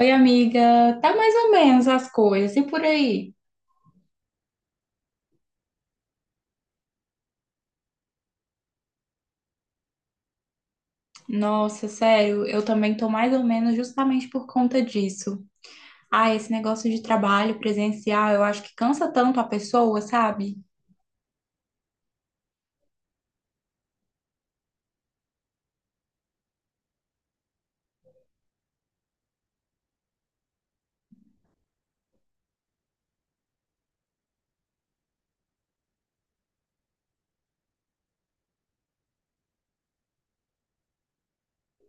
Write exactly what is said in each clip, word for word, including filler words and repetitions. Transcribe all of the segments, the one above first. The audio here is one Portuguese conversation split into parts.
Oi, amiga. Tá mais ou menos as coisas. E por aí? Nossa, sério, eu também tô mais ou menos justamente por conta disso. Ah, esse negócio de trabalho presencial, eu acho que cansa tanto a pessoa, sabe?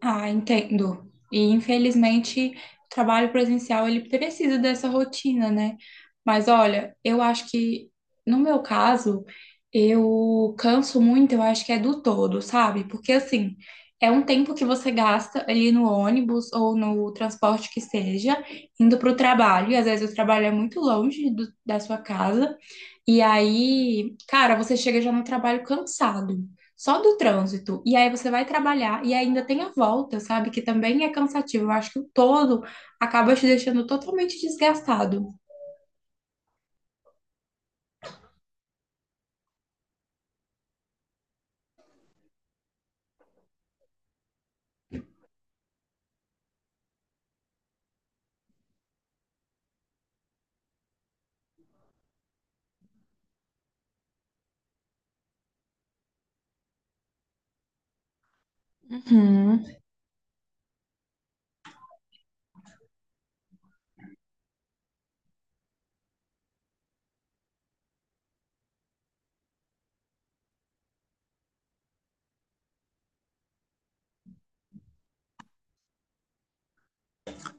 Ah, entendo. E infelizmente o trabalho presencial ele precisa dessa rotina, né? Mas olha, eu acho que no meu caso, eu canso muito, eu acho que é do todo, sabe? Porque assim, é um tempo que você gasta ali no ônibus ou no transporte que seja, indo para o trabalho, e às vezes o trabalho é muito longe do- da sua casa. E aí, cara, você chega já no trabalho cansado, só do trânsito. E aí você vai trabalhar e ainda tem a volta, sabe? Que também é cansativo. Eu acho que o todo acaba te deixando totalmente desgastado.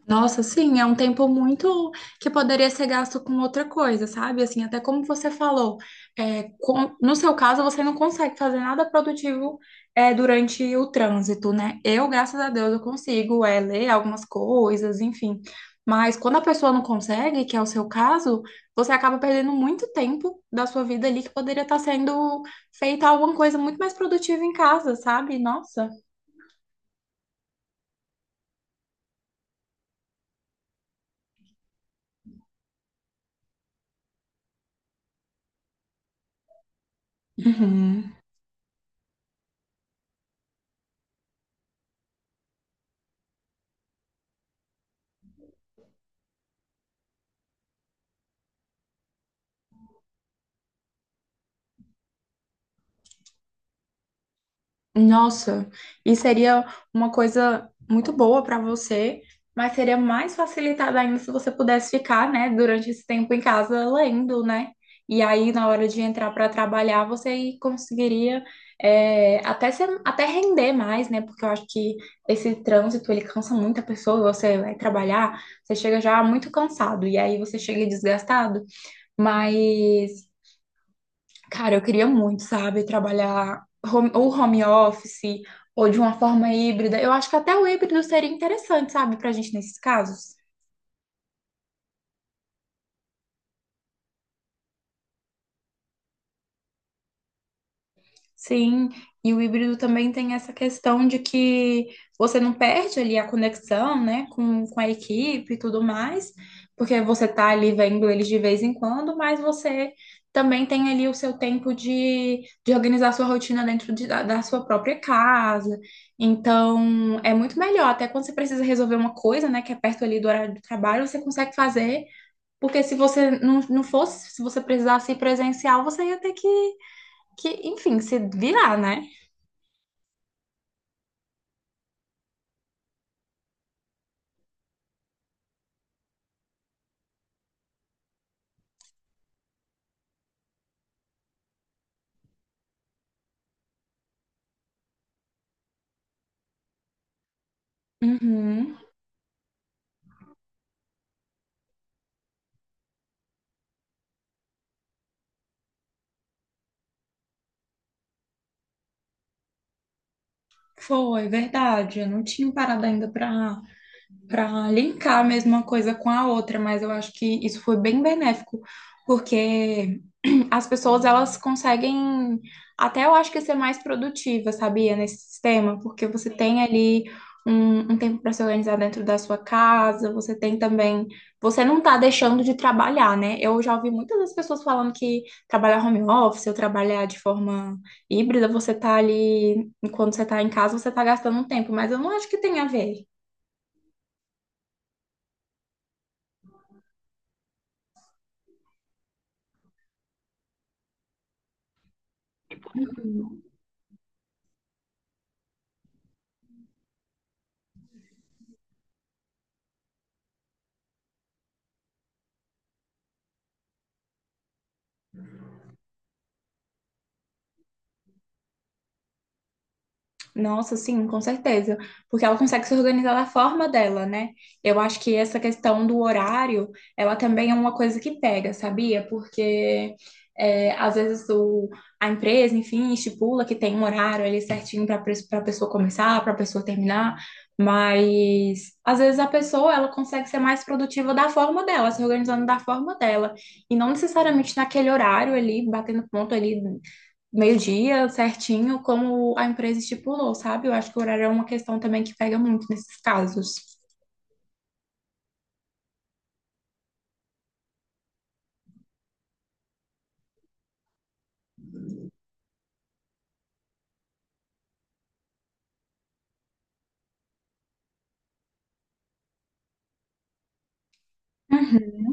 Nossa, sim, é um tempo muito que poderia ser gasto com outra coisa, sabe? Assim, até como você falou, é, com- no seu caso, você não consegue fazer nada produtivo, é, durante o trânsito, né? Eu, graças a Deus, eu consigo, é, ler algumas coisas, enfim. Mas quando a pessoa não consegue, que é o seu caso, você acaba perdendo muito tempo da sua vida ali que poderia estar sendo feita alguma coisa muito mais produtiva em casa, sabe? Nossa. Uhum. Nossa, e seria uma coisa muito boa para você, mas seria mais facilitada ainda se você pudesse ficar, né, durante esse tempo em casa lendo, né? E aí, na hora de entrar para trabalhar, você conseguiria é, até ser, até render mais, né? Porque eu acho que esse trânsito, ele cansa muito a pessoa. Você vai trabalhar, você chega já muito cansado, e aí você chega desgastado, mas. Cara, eu queria muito, sabe, trabalhar home- ou home office ou de uma forma híbrida. Eu acho que até o híbrido seria interessante, sabe, pra gente nesses casos. Sim, e o híbrido também tem essa questão de que você não perde ali a conexão, né, com, com a equipe e tudo mais, porque você tá ali vendo eles de vez em quando, mas você também tem ali o seu tempo de, de organizar sua rotina dentro de- da, da sua própria casa. Então, é muito melhor, até quando você precisa resolver uma coisa, né, que é perto ali do horário do trabalho, você consegue fazer, porque se você não, não fosse, se você precisasse ir presencial, você ia ter que que, enfim, se virar, né? Uhum. Foi, verdade. Eu não tinha parado ainda para para linkar a mesma coisa com a outra, mas eu acho que isso foi bem benéfico, porque as pessoas elas conseguem até eu acho que ser mais produtiva, sabia, nesse sistema, porque você tem ali um, um tempo para se organizar dentro da sua casa, você tem também, você não tá deixando de trabalhar, né? Eu já ouvi muitas das pessoas falando que trabalhar home office ou trabalhar de forma híbrida, você tá ali, quando você tá em casa, você tá gastando um tempo, mas eu não acho que tem a ver. Nossa, sim, com certeza. Porque ela consegue se organizar da forma dela, né? Eu acho que essa questão do horário, ela também é uma coisa que pega, sabia? Porque é, às vezes o, a empresa, enfim, estipula que tem um horário ali certinho para a pessoa começar, para a pessoa terminar, mas às vezes a pessoa ela consegue ser mais produtiva da forma dela, se organizando da forma dela, e não necessariamente naquele horário ali, batendo ponto ali meio-dia, certinho, como a empresa estipulou, sabe? Eu acho que o horário é uma questão também que pega muito nesses casos. Uhum.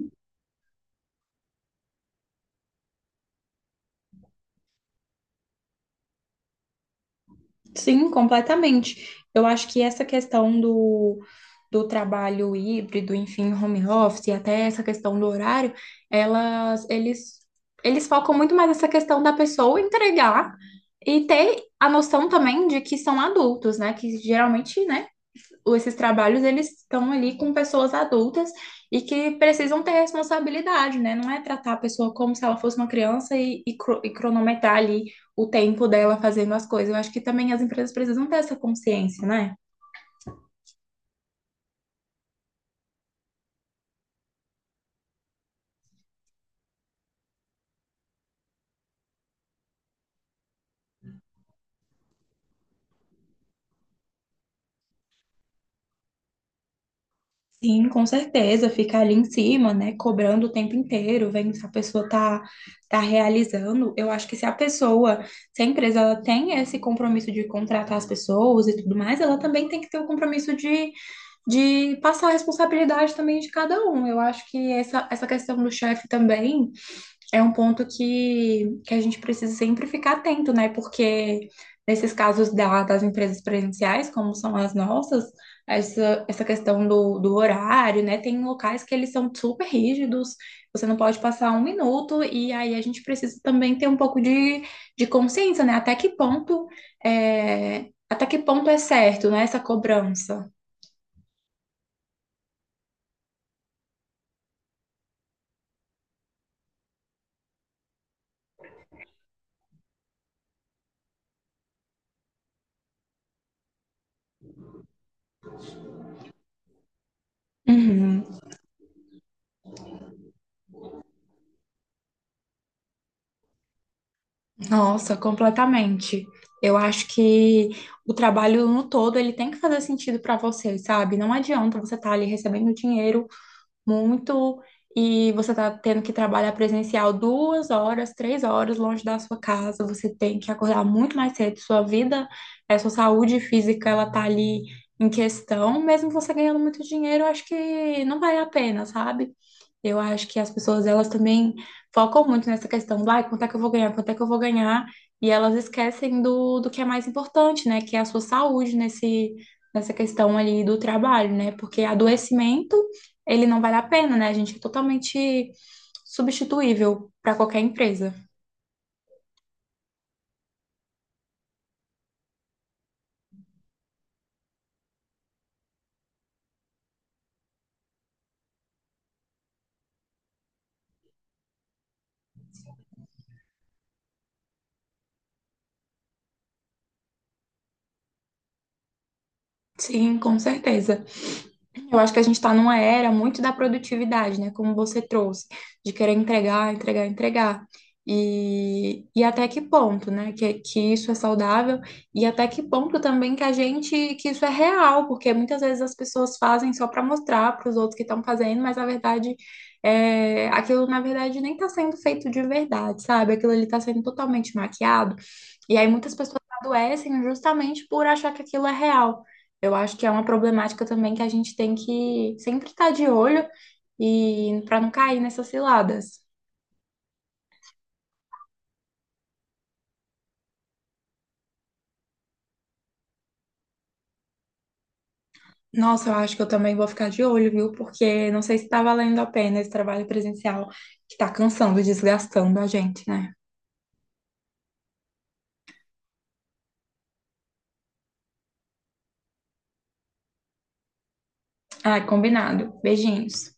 Sim, completamente. Eu acho que essa questão do, do trabalho híbrido, enfim, home office, e até essa questão do horário, elas, eles, eles focam muito mais nessa questão da pessoa entregar e ter a noção também de que são adultos, né? Que geralmente, né, esses trabalhos eles estão ali com pessoas adultas e que precisam ter responsabilidade, né? Não é tratar a pessoa como se ela fosse uma criança e, e cro- e cronometrar ali o tempo dela fazendo as coisas. Eu acho que também as empresas precisam ter essa consciência, né? Sim, com certeza, ficar ali em cima, né? Cobrando o tempo inteiro, vendo se a pessoa tá, tá realizando. Eu acho que se a pessoa, se a empresa ela tem esse compromisso de contratar as pessoas e tudo mais, ela também tem que ter o compromisso de de passar a responsabilidade também de cada um. Eu acho que essa, essa questão do chefe também é um ponto que, que a gente precisa sempre ficar atento, né? Porque nesses casos da, das empresas presenciais, como são as nossas, essa, essa questão do, do horário, né? Tem locais que eles são super rígidos, você não pode passar um minuto, e aí a gente precisa também ter um pouco de, de consciência, né? Até que ponto é, até que ponto é certo, né, essa cobrança. Uhum. Nossa, completamente. Eu acho que o trabalho no todo ele tem que fazer sentido para você, sabe? Não adianta você estar ali recebendo dinheiro muito e você tá tendo que trabalhar presencial duas horas, três horas longe da sua casa. Você tem que acordar muito mais cedo. Sua vida, é, sua saúde física, ela tá ali em questão. Mesmo você ganhando muito dinheiro, eu acho que não vale a pena, sabe? Eu acho que as pessoas, elas também focam muito nessa questão do, ai, quanto é que eu vou ganhar, quanto é que eu vou ganhar, e elas esquecem do, do que é mais importante, né, que é a sua saúde nesse, nessa questão ali do trabalho, né, porque adoecimento, ele não vale a pena, né, a gente é totalmente substituível para qualquer empresa. Sim, com certeza. Eu acho que a gente está numa era muito da produtividade, né? Como você trouxe, de querer entregar, entregar, entregar. E, e até que ponto, né? Que, que isso é saudável e até que ponto também que a gente, que isso é real, porque muitas vezes as pessoas fazem só para mostrar para os outros que estão fazendo, mas na verdade, é, aquilo na verdade nem está sendo feito de verdade, sabe? Aquilo ali está sendo totalmente maquiado. E aí muitas pessoas adoecem justamente por achar que aquilo é real. Eu acho que é uma problemática também que a gente tem que sempre estar de olho e para não cair nessas ciladas. Nossa, eu acho que eu também vou ficar de olho, viu? Porque não sei se está valendo a pena esse trabalho presencial que está cansando, desgastando a gente, né? Ai, combinado. Beijinhos.